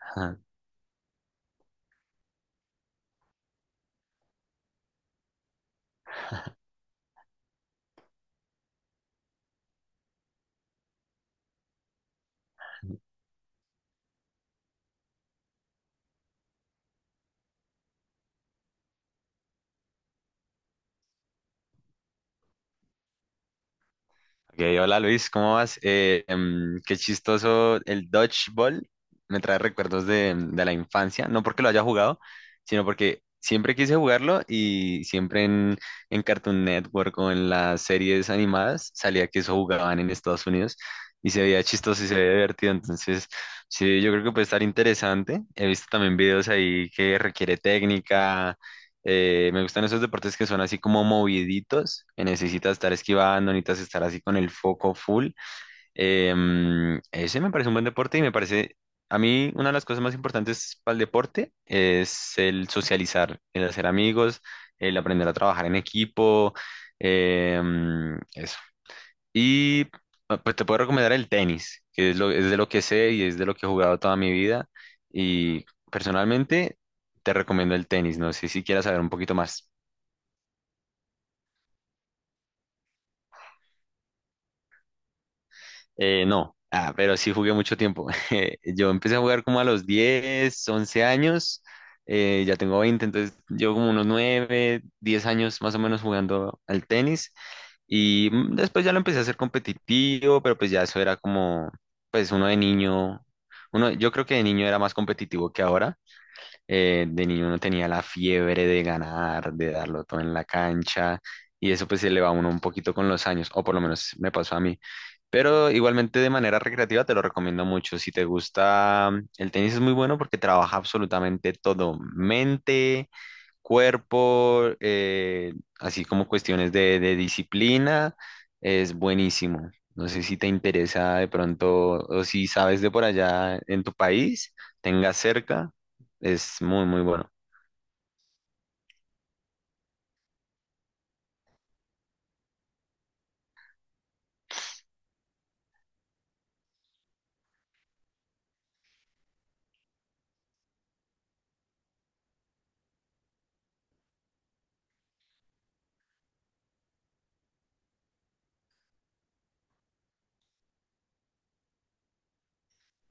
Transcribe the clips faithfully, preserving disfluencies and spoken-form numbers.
Ajá. Ok, hola Luis, ¿cómo vas? Eh, em, qué chistoso el dodgeball. Me trae recuerdos de, de la infancia, no porque lo haya jugado, sino porque siempre quise jugarlo y siempre en, en Cartoon Network o en las series animadas salía que eso jugaban en Estados Unidos y se veía chistoso y se veía divertido. Entonces, sí, yo creo que puede estar interesante. He visto también videos ahí que requiere técnica. Eh, me gustan esos deportes que son así como moviditos, que necesitas estar esquivando, necesitas estar así con el foco full. Em, ese me parece un buen deporte y me parece, a mí una de las cosas más importantes para el deporte es el socializar, el hacer amigos, el aprender a trabajar en equipo, em, eso. Y ah, pues te puedo recomendar el tenis, que es lo- es de lo que sé y es de lo que he jugado toda mi vida. Y personalmente te recomiendo el tenis, no sé si quieras saber un poquito más. Eh, no, ah, pero sí jugué mucho tiempo. Eh, Yo empecé a jugar como a los diez, once años, eh, ya tengo veinte, entonces yo como unos nueve, diez años más o menos jugando al tenis y mm, después ya lo empecé a hacer competitivo, pero pues ya eso era como, pues uno de niño, uno, yo creo que de niño era más competitivo que ahora. Eh, de niño uno tenía la fiebre de ganar, de darlo todo en la cancha, y eso pues se le va a uno un poquito con los años, o por lo menos me pasó a mí. Pero igualmente de manera recreativa te lo recomiendo mucho. Si te gusta, el tenis es muy bueno porque trabaja absolutamente todo, mente, cuerpo, eh, así como cuestiones de, de disciplina, es buenísimo. No sé si te interesa de pronto o si sabes de por allá en tu país, tengas cerca, es muy, muy bueno.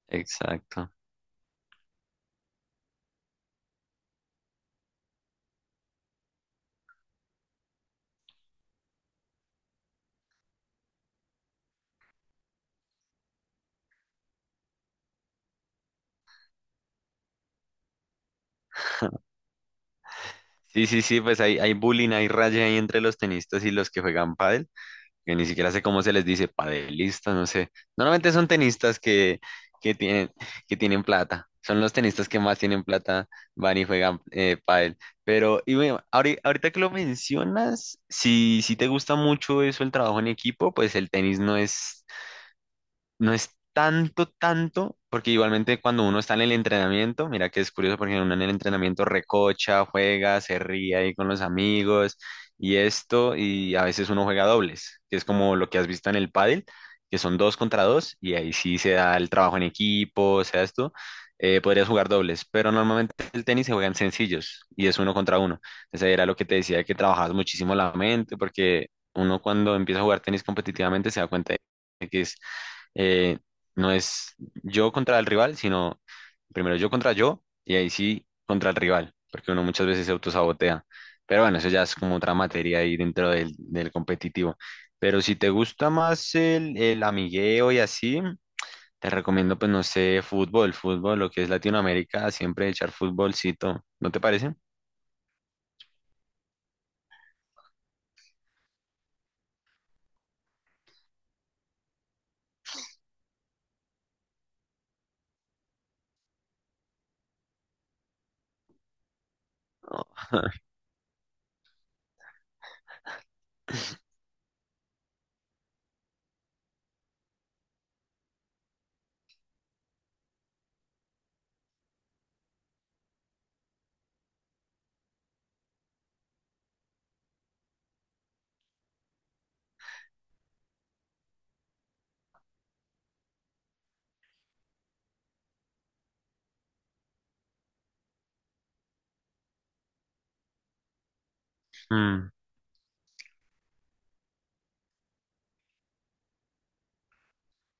Exacto. Sí, sí, sí, pues hay, hay bullying, hay raya ahí entre los tenistas y los que juegan pádel. Que ni siquiera sé cómo se les dice, padelistas, no sé. Normalmente son tenistas que, que tienen, que tienen plata. Son los tenistas que más tienen plata, van y juegan eh, pádel. Pero y bueno, ahori- ahorita que lo mencionas, si, si te gusta mucho eso, el trabajo en equipo, pues el tenis no es no es tanto, tanto, porque igualmente cuando uno está en el entrenamiento, mira que es curioso porque uno en el entrenamiento recocha, juega, se ríe ahí con los amigos y esto, y a veces uno juega dobles, que es como lo que has visto en el pádel, que son dos contra dos, y ahí sí se da el trabajo en equipo, o sea esto, eh, podrías jugar dobles, pero normalmente el tenis se juegan sencillos y es uno contra uno. Ese era lo que te decía, que trabajas muchísimo la mente, porque uno cuando empieza a jugar tenis competitivamente se da cuenta de que es eh, no es yo contra el rival, sino primero yo contra yo y ahí sí contra el rival, porque uno muchas veces se autosabotea. Pero bueno, eso ya es como otra materia ahí dentro del, del competitivo. Pero si te gusta más el, el amigueo y así, te recomiendo, pues no sé, fútbol, fútbol, lo que es Latinoamérica, siempre echar futbolcito, ¿no te parece? No. Mm,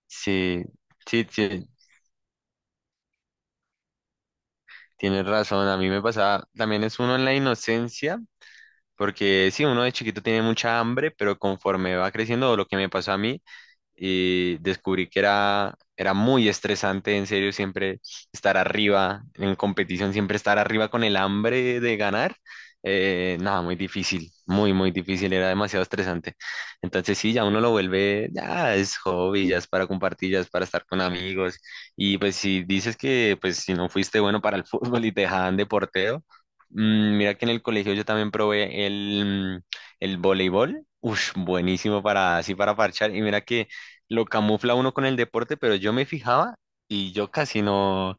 Sí, sí, sí, tienes razón. A mí me pasaba, también es uno en la inocencia. Porque sí, uno de chiquito tiene mucha hambre, pero conforme va creciendo, o lo que me pasó a mí, y descubrí que era, era muy estresante, en serio, siempre estar arriba en competición, siempre estar arriba con el hambre de ganar. Eh, nada, Muy difícil, muy, muy difícil, era demasiado estresante. Entonces sí, ya uno lo vuelve, ya es hobby, ya es para compartir, ya es para estar con amigos. Y pues si dices que pues si no fuiste bueno para el fútbol y te dejaban de portero, mm, mira que en el colegio yo también probé el, mm, el voleibol. Ush, buenísimo para así para parchar. Y mira que lo camufla uno con el deporte, pero yo me fijaba y yo casi no,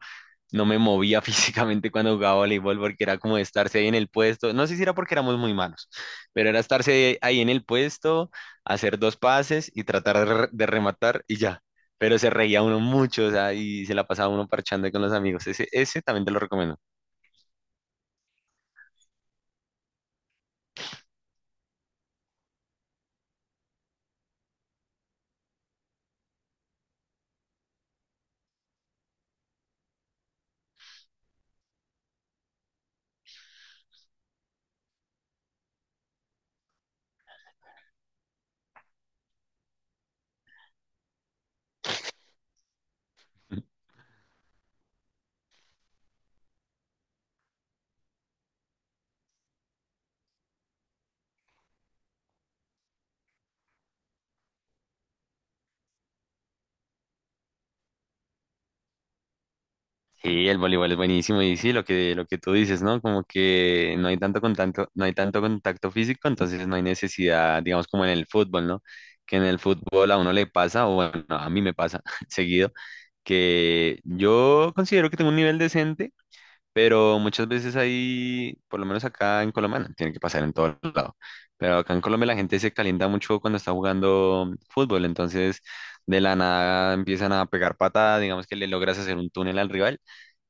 no me movía físicamente cuando jugaba voleibol porque era como estarse ahí en el puesto. No sé si era porque éramos muy malos, pero era estarse ahí en el puesto, hacer dos pases y tratar de, re- de rematar y ya. Pero se reía uno mucho, o sea, y se la pasaba uno parchando ahí con los amigos. Ese, ese también te lo recomiendo. Sí, el voleibol es buenísimo y sí, lo que, lo que tú dices, ¿no? Como que no hay tanto contacto, no hay tanto contacto físico, entonces no hay necesidad, digamos, como en el fútbol, ¿no? Que en el fútbol a uno le pasa, o bueno, a mí me pasa seguido, que yo considero que tengo un nivel decente, pero muchas veces ahí, por lo menos acá en Colombia, no, tiene que pasar en todo lado. Pero acá en Colombia la gente se calienta mucho cuando está jugando fútbol, entonces de la nada empiezan a pegar patada, digamos que le logras hacer un túnel al rival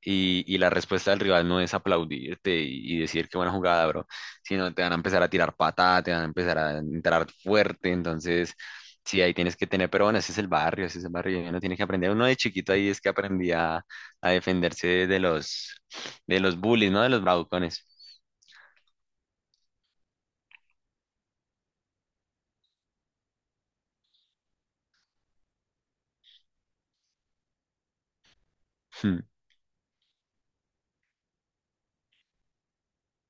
y, y la respuesta del rival no es aplaudirte y, y decir qué buena jugada, bro, sino te van a empezar a tirar patada, te van a empezar a entrar fuerte, entonces... Sí, ahí tienes que tener, pero bueno, ese es el barrio, ese es el barrio, y uno tiene que aprender. Uno de chiquito ahí es que aprendía a defenderse de los, de los bullies, ¿no? De los bravucones.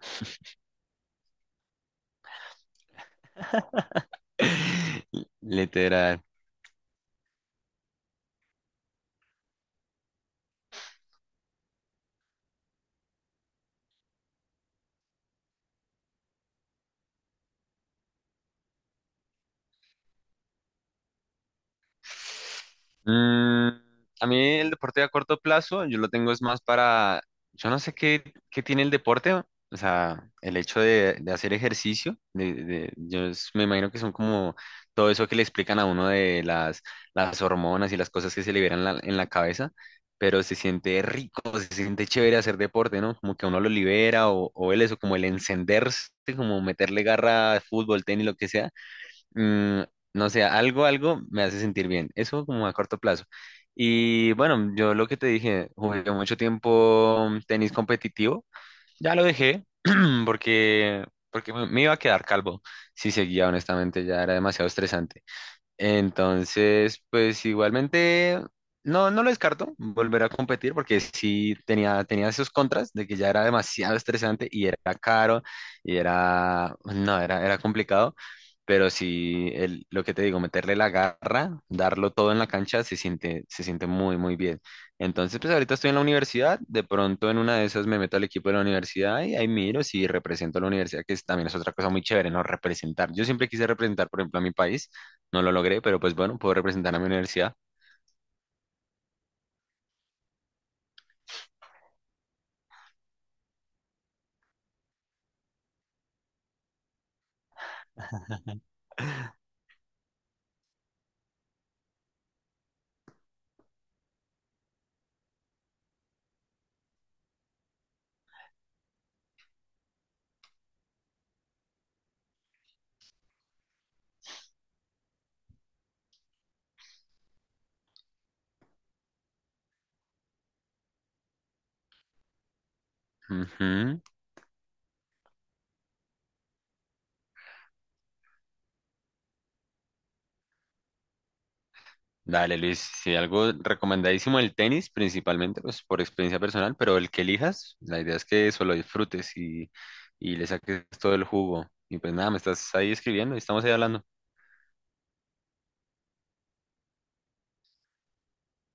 Literal. Mm, a mí el deporte a corto plazo, yo lo tengo es más para, yo no sé qué, qué tiene el deporte, o sea, el hecho de, de hacer ejercicio, de, de- yo es- me imagino que son como todo eso que le explican a uno de las, las hormonas y las cosas que se liberan en la, en la cabeza, pero se siente rico, se siente chévere hacer deporte, ¿no? Como que uno lo libera o, o el eso, como el encenderse, como meterle garra a fútbol, tenis, lo que sea. mm, no sé, algo, algo me hace sentir bien. Eso como a corto plazo. Y bueno, yo lo que te dije, jugué mucho tiempo tenis competitivo. Ya lo dejé porque, porque me me iba a quedar calvo si seguía, honestamente, ya era demasiado estresante. Entonces, pues igualmente, no, no lo descarto volver a competir porque sí tenía, tenía esos contras de que ya era demasiado estresante y era caro y era, no, era, era complicado, pero sí, el- lo que te digo, meterle la garra, darlo todo en la cancha, se siente, se siente muy, muy bien. Entonces, pues ahorita estoy en la universidad, de pronto en una de esas me meto al equipo de la universidad y ahí miro si represento a la universidad, que es- también es otra cosa muy chévere, ¿no? Representar. Yo siempre quise representar, por ejemplo, a mi país. No lo logré, pero pues bueno, puedo representar a mi universidad. Ujú. Dale, Luis, si algo recomendadísimo el tenis, principalmente pues por experiencia personal, pero el que elijas, la idea es que eso lo disfrutes y, y le saques todo el jugo. Y pues nada, me estás ahí escribiendo y estamos ahí hablando.